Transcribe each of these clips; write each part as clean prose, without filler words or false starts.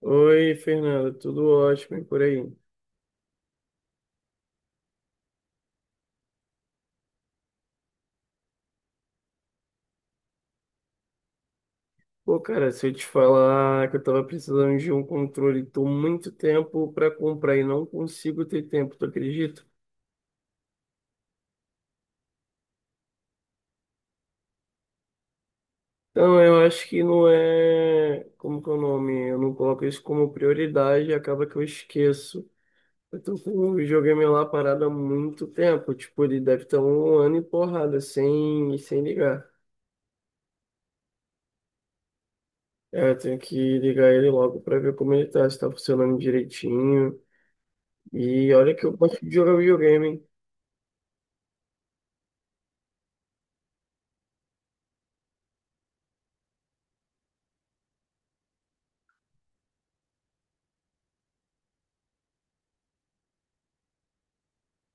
Oi, Fernanda, tudo ótimo e por aí? Pô, cara, se eu te falar que eu tava precisando de um controle, tô muito tempo pra comprar e não consigo ter tempo, tu acredita? Então, eu acho que não é. Como que é o nome? Eu não coloco isso como prioridade e acaba que eu esqueço. Eu tô com o videogame lá parado há muito tempo, tipo, ele deve estar um ano e porrada, sem ligar. É, eu tenho que ligar ele logo pra ver como ele tá, se tá funcionando direitinho. E olha que eu gosto de jogar videogame, hein?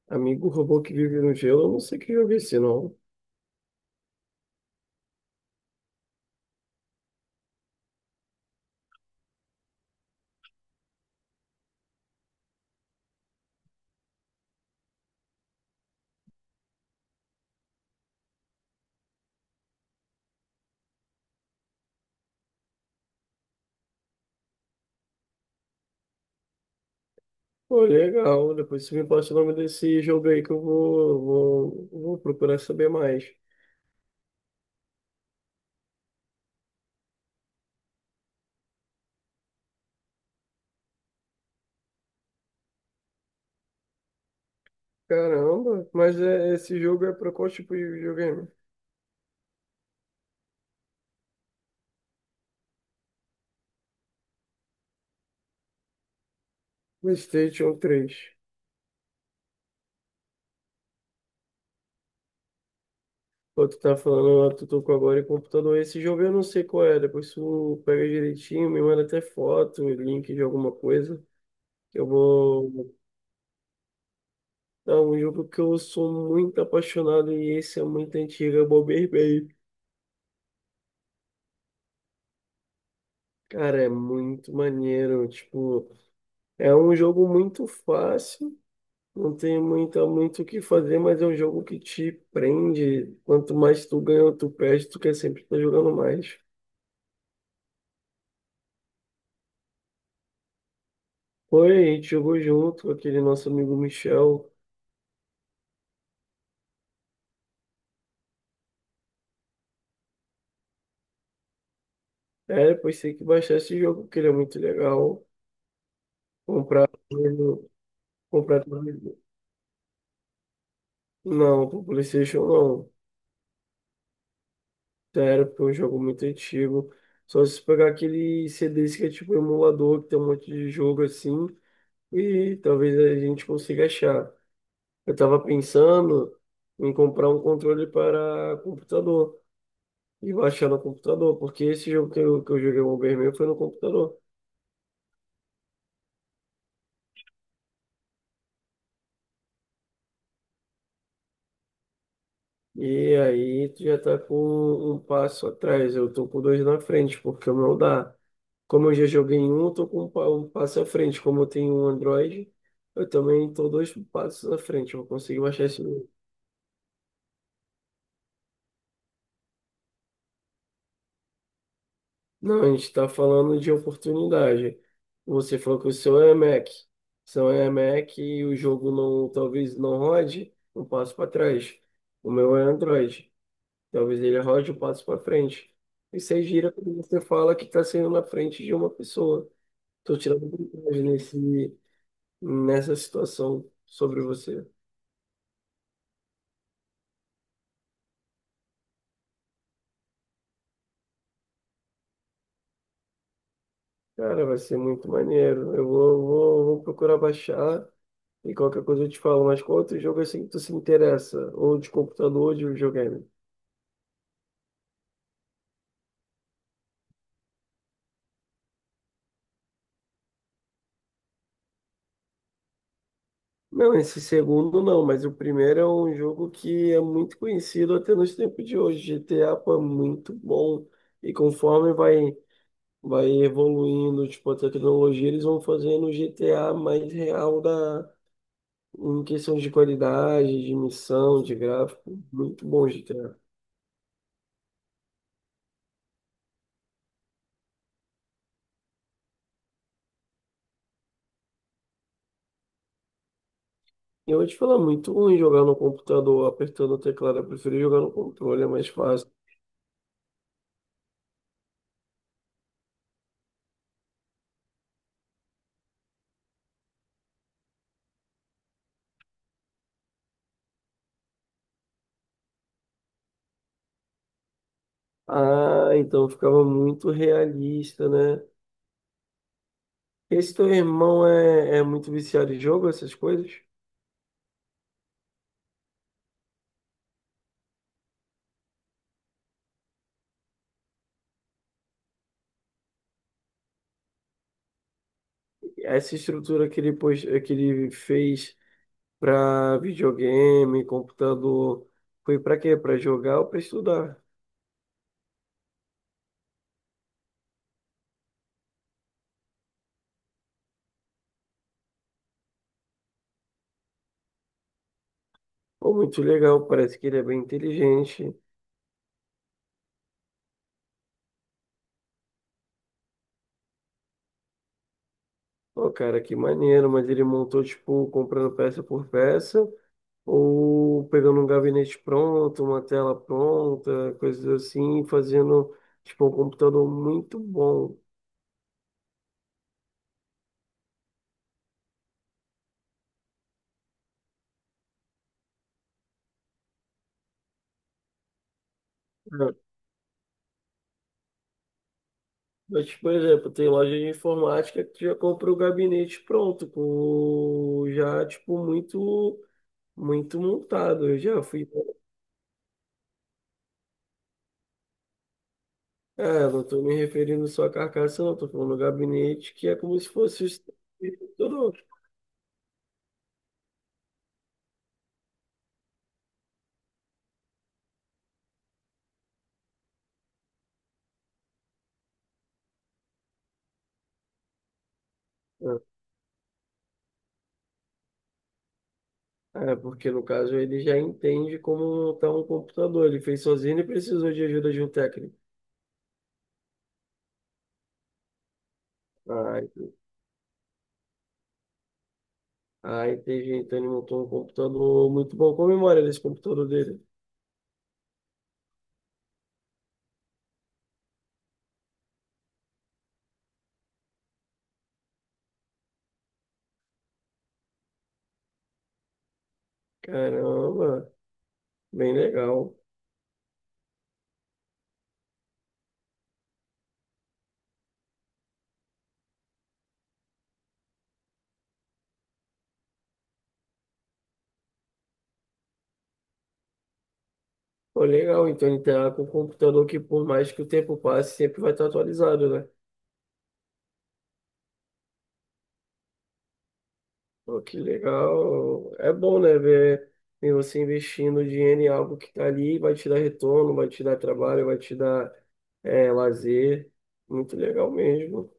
Amigo robô que vive no gelo, eu não sei que jogo é esse, não. Pô, legal. Depois você me passa o nome desse jogo aí que eu vou procurar saber mais. Caramba, mas é, esse jogo é pra qual tipo de videogame? PlayStation 3. Pô, tu tá falando, ó, tu tocou agora em computador. Esse jogo eu não sei qual é. Depois tu pega direitinho, me manda até foto, link de alguma coisa. Eu vou. Não, um jogo que eu sou muito apaixonado e esse é muito antigo, é o Bomberman. Cara, é muito maneiro. Tipo, é um jogo muito fácil, não tem muito o que fazer, mas é um jogo que te prende. Quanto mais tu ganha, ou tu perde, tu quer sempre estar jogando mais. Foi, a gente jogou junto com aquele nosso amigo Michel. É, depois tem que baixar esse jogo, porque ele é muito legal. Comprar, ele- comprar. ele- Não, pro PlayStation não. Sério, porque é um jogo muito antigo. Só se pegar aquele CDs que é tipo emulador, que tem um monte de jogo assim, e talvez a gente consiga achar. Eu tava pensando em comprar um controle para computador e baixar no computador, porque esse jogo que eu joguei o Bomberman foi no computador. E aí tu já tá com um passo atrás, eu tô com dois na frente, porque o meu dá. Como eu já joguei em um, eu tô com um passo à frente. Como eu tenho um Android, eu também tô dois passos à frente. Eu consegui baixar esse jogo. Não, a gente está falando de oportunidade. Você falou que o seu é Mac. Seu é Mac e o jogo não, talvez não rode, um passo para trás. O meu é Android. Talvez ele rode um passo para frente. E você gira quando você fala que está sendo na frente de uma pessoa. Estou tirando vantagem nessa situação sobre você. Cara, vai ser muito maneiro. Eu vou procurar baixar e qualquer coisa eu te falo. Mas qual outro jogo assim que tu se interessa? Ou de computador ou de videogame? Não, esse segundo não, mas o primeiro é um jogo que é muito conhecido até nos tempos de hoje. GTA, pô, é muito bom. E conforme vai evoluindo, tipo, a tecnologia, eles vão fazendo o GTA mais real em questão de qualidade, de missão, de gráfico. Muito bom GTA. Eu vou te falar, muito ruim jogar no computador, apertando o teclado. Eu prefiro jogar no controle, é mais fácil. Ah, então ficava muito realista, né? Esse teu irmão é muito viciado em jogo, essas coisas? Essa estrutura que ele fez para videogame, computador, foi para quê? Para jogar ou para estudar? Pô, muito legal, parece que ele é bem inteligente. Pô, cara, que maneiro, mas ele montou, tipo, comprando peça por peça, ou pegando um gabinete pronto, uma tela pronta, coisas assim, fazendo tipo um computador muito bom. É. Mas, tipo, por exemplo, tem loja de informática que já compra o gabinete pronto, com já tipo muito muito montado. Eu já fui. É, não estou me referindo só à carcaça, não, estou falando do gabinete que é como se fosse o computador. É, porque no caso ele já entende como montar um computador. Ele fez sozinho e precisou de ajuda de um técnico. Ai, ai, tem então ele montou um computador muito bom. Qual a memória desse computador dele? Caramba, bem legal. Pô, legal, então ele tá com um computador que por mais que o tempo passe, sempre vai estar atualizado, né? Pô, que legal. É bom, né, ver você investindo dinheiro em algo que tá ali, vai te dar retorno, vai te dar trabalho, vai te dar lazer. Muito legal mesmo.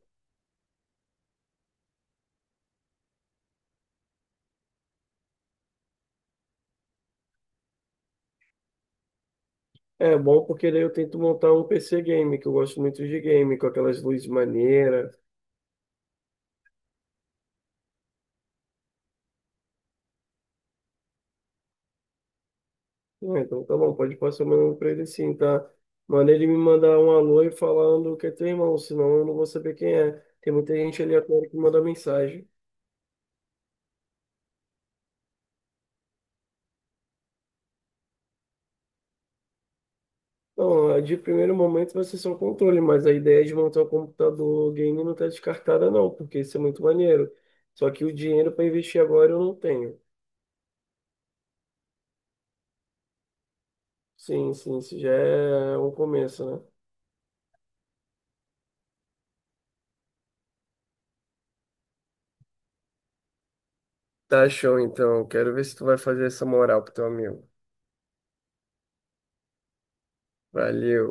É bom porque daí eu tento montar um PC game, que eu gosto muito de game, com aquelas luzes maneiras. Ah, então tá bom, pode passar meu número pra ele sim, tá? Manda ele me mandar um alô e falando que é teu irmão, senão eu não vou saber quem é. Tem muita gente aleatória que manda mensagem. Não, de primeiro momento vai ser só o controle, mas a ideia de montar o computador game não tá descartada não, porque isso é muito maneiro. Só que o dinheiro para investir agora eu não tenho. Sim, sim, isso já é um começo, né? Tá show, então. Quero ver se tu vai fazer essa moral pro teu amigo. Valeu.